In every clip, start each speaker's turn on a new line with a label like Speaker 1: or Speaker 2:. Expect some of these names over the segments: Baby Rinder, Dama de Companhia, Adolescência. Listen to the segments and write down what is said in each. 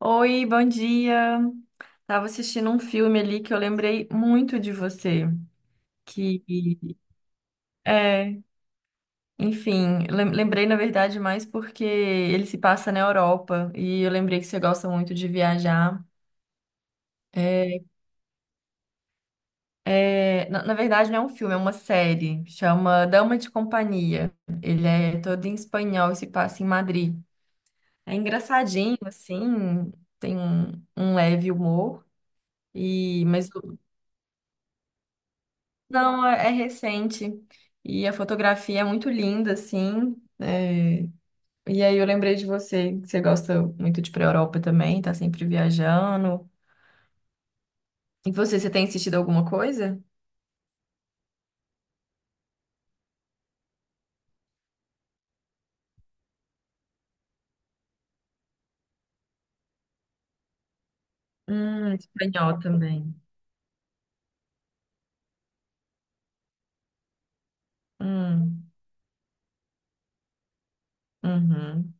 Speaker 1: Oi, bom dia. Tava assistindo um filme ali que eu lembrei muito de você, que é, enfim, lembrei na verdade mais porque ele se passa na Europa e eu lembrei que você gosta muito de viajar. É, na verdade não é um filme, é uma série, chama Dama de Companhia. Ele é todo em espanhol e se passa em Madrid. É engraçadinho assim, tem um leve humor e mas. Não, é recente. E a fotografia é muito linda, assim. E aí eu lembrei de você, que você gosta muito de ir pra Europa também, tá sempre viajando. E você tem assistido alguma coisa? Espanhol também. Hum, uhum,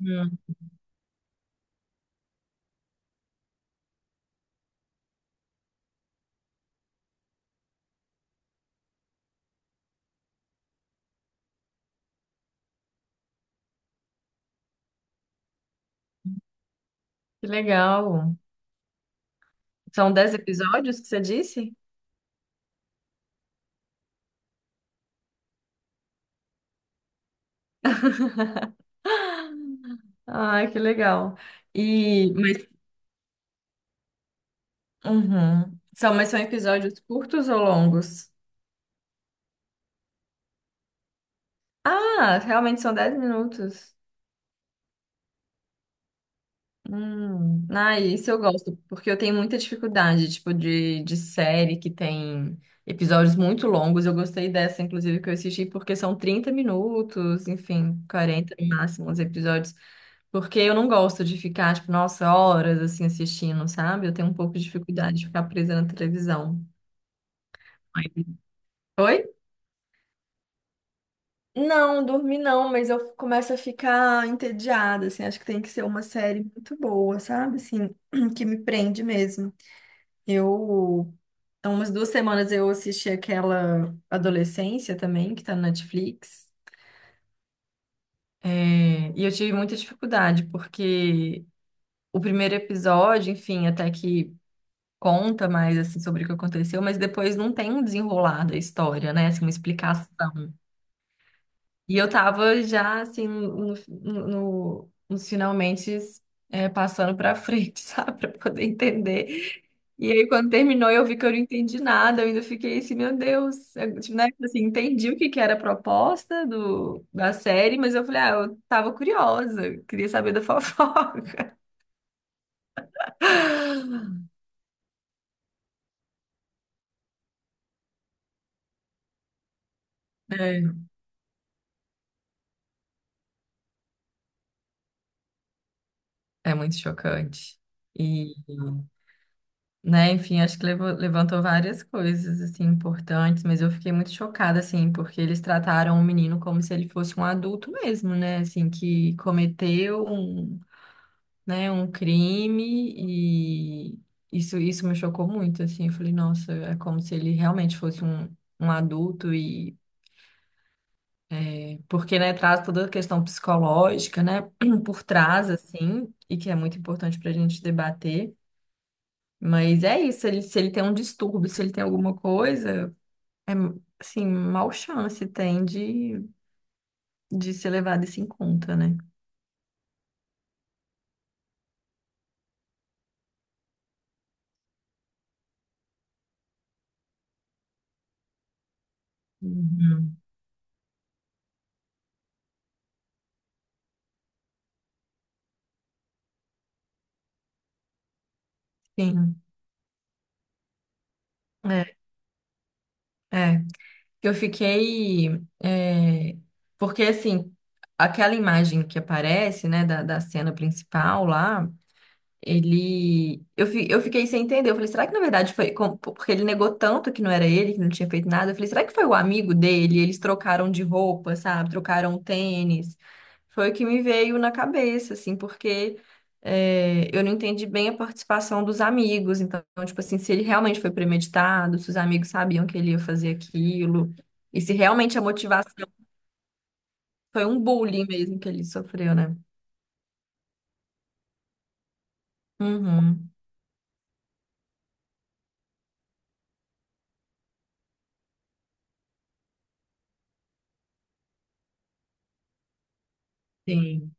Speaker 1: hum. Que legal. São 10 episódios que você disse? Ai, que legal. E, mas, uhum. São episódios curtos ou longos? Ah, realmente são 10 minutos. Ah, isso eu gosto, porque eu tenho muita dificuldade, tipo, de série que tem episódios muito longos. Eu gostei dessa, inclusive, que eu assisti, porque são 30 minutos, enfim, 40 no máximo os episódios. Porque eu não gosto de ficar, tipo, nossa, horas assim assistindo, sabe? Eu tenho um pouco de dificuldade de ficar presa na televisão. Oi? Não, dormi não, mas eu começo a ficar entediada, assim, acho que tem que ser uma série muito boa, sabe? Assim, que me prende mesmo. Eu, há umas 2 semanas eu assisti aquela Adolescência também, que tá na Netflix. É, e eu tive muita dificuldade, porque o primeiro episódio, enfim, até que conta mais assim sobre o que aconteceu, mas depois não tem um desenrolar da história, né? Assim, uma explicação. E eu tava já, assim, no, no, nos finalmente, passando pra frente, sabe? Pra poder entender. E aí, quando terminou, eu vi que eu não entendi nada. Eu ainda fiquei assim, meu Deus. Eu, tipo, né? Tipo assim, entendi o que que era a proposta do, da série, mas eu falei, ah, eu tava curiosa. Eu queria saber da fofoca. É, é muito chocante. Né? Enfim, acho que levantou várias coisas assim importantes, mas eu fiquei muito chocada assim, porque eles trataram o menino como se ele fosse um adulto mesmo, né? Assim, que cometeu um, né, um crime e isso me chocou muito assim. Eu falei, nossa, é como se ele realmente fosse um adulto e porque, né, traz toda a questão psicológica, né, por trás, assim, e que é muito importante para a gente debater. Mas é isso, ele, se ele tem um distúrbio, se ele tem alguma coisa, É, assim, mal chance tem de ser levado isso em conta, né? Uhum. Sim, é, é. Eu fiquei... é, porque, assim, aquela imagem que aparece, né, da cena principal lá, ele. Eu fiquei sem entender. Eu falei, será que na verdade foi. Porque ele negou tanto que não era ele, que não tinha feito nada. Eu falei, será que foi o amigo dele? Eles trocaram de roupa, sabe? Trocaram tênis. Foi o que me veio na cabeça, assim, porque eu não entendi bem a participação dos amigos. Então, tipo assim, se ele realmente foi premeditado, se os amigos sabiam que ele ia fazer aquilo, e se realmente a motivação foi um bullying mesmo que ele sofreu, né? Uhum. Sim,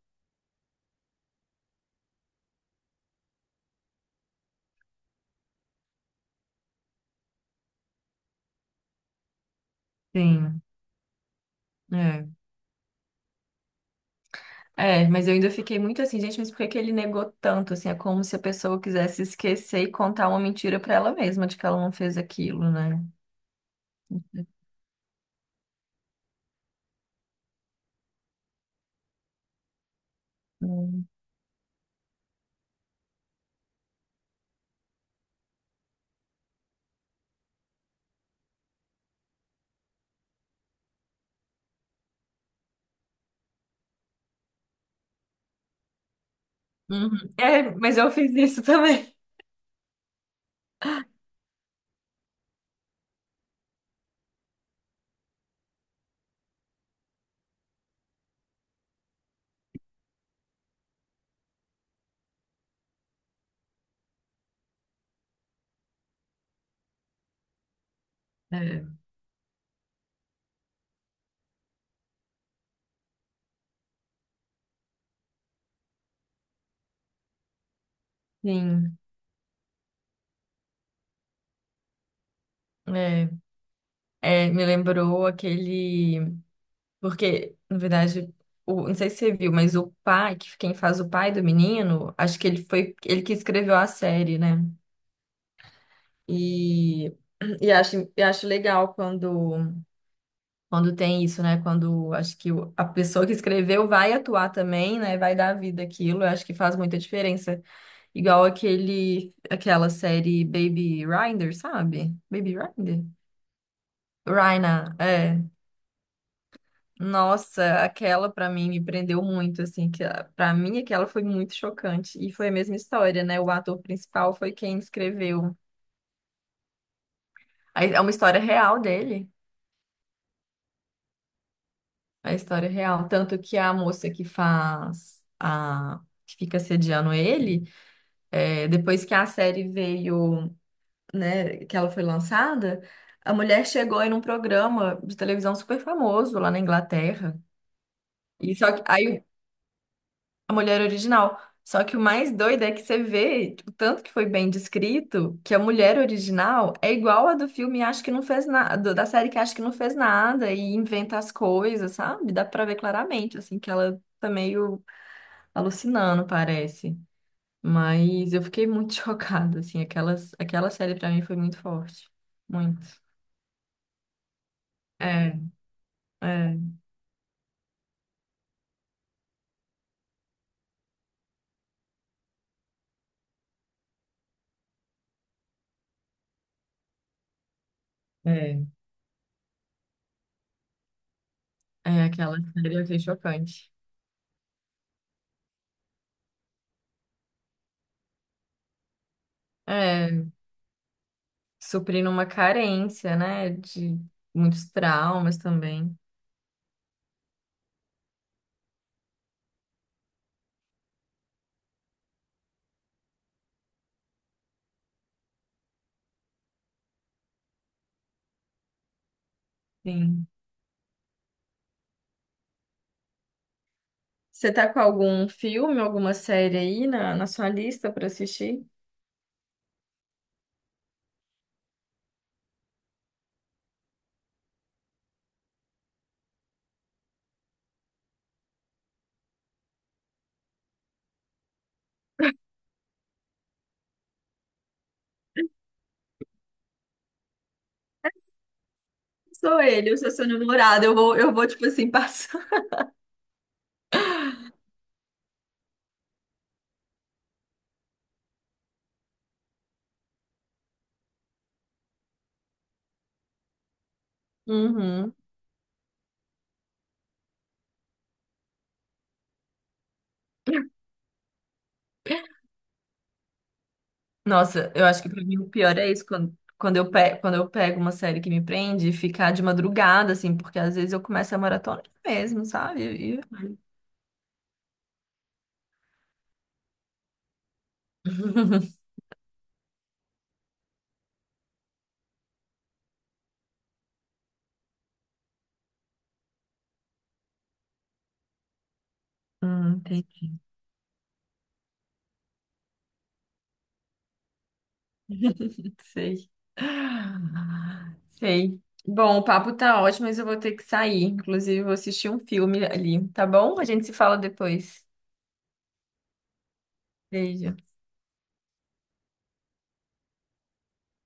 Speaker 1: sim, é mas eu ainda fiquei muito assim, gente, mas por que que ele negou tanto? Assim, é como se a pessoa quisesse esquecer e contar uma mentira pra ela mesma de que ela não fez aquilo, né? Hum. Uhum. É, mas eu fiz isso também. É. Sim, é, É, me lembrou aquele. Porque, na verdade, o... não sei se você viu, mas o pai, que quem faz o pai do menino, acho que ele foi ele que escreveu a série, né? E, e acho legal quando. Quando tem isso, né? Quando acho que a pessoa que escreveu vai atuar também, né? Vai dar vida àquilo, eu acho que faz muita diferença. Igual aquela série Baby Rinder, sabe? Baby Rinder? Raina, é. Nossa, aquela pra mim me prendeu muito, assim, que pra mim aquela foi muito chocante. E foi a mesma história, né? O ator principal foi quem escreveu. Aí é uma história real dele, é a história real. Tanto que a moça que faz a que fica sediando ele, é, depois que a série veio, né, que ela foi lançada, a mulher chegou em um programa de televisão super famoso lá na Inglaterra. E só que aí a mulher original. Só que o mais doido é que você vê o tanto que foi bem descrito que a mulher original é igual a do filme acho que não fez nada, da série que acho que não fez nada e inventa as coisas, sabe? Dá pra ver claramente assim que ela tá meio alucinando, parece. Mas eu fiquei muito chocada, assim, aquela série pra mim foi muito forte. Muito. É, é, é. É, aquela série eu achei chocante. É, suprindo uma carência, né, de muitos traumas também. Sim. Você tá com algum filme, alguma série aí na sua lista pra assistir? Sou ele, eu sou seu namorado, eu vou, tipo assim, passar. Uhum. Nossa, eu acho que pra mim o pior é isso, quando eu pego uma série que me prende, ficar de madrugada, assim, porque às vezes eu começo a maratona mesmo, sabe? E- entendi, sei. Sei. Bom, o papo tá ótimo, mas eu vou ter que sair. Inclusive, eu vou assistir um filme ali, tá bom? A gente se fala depois. Beijo.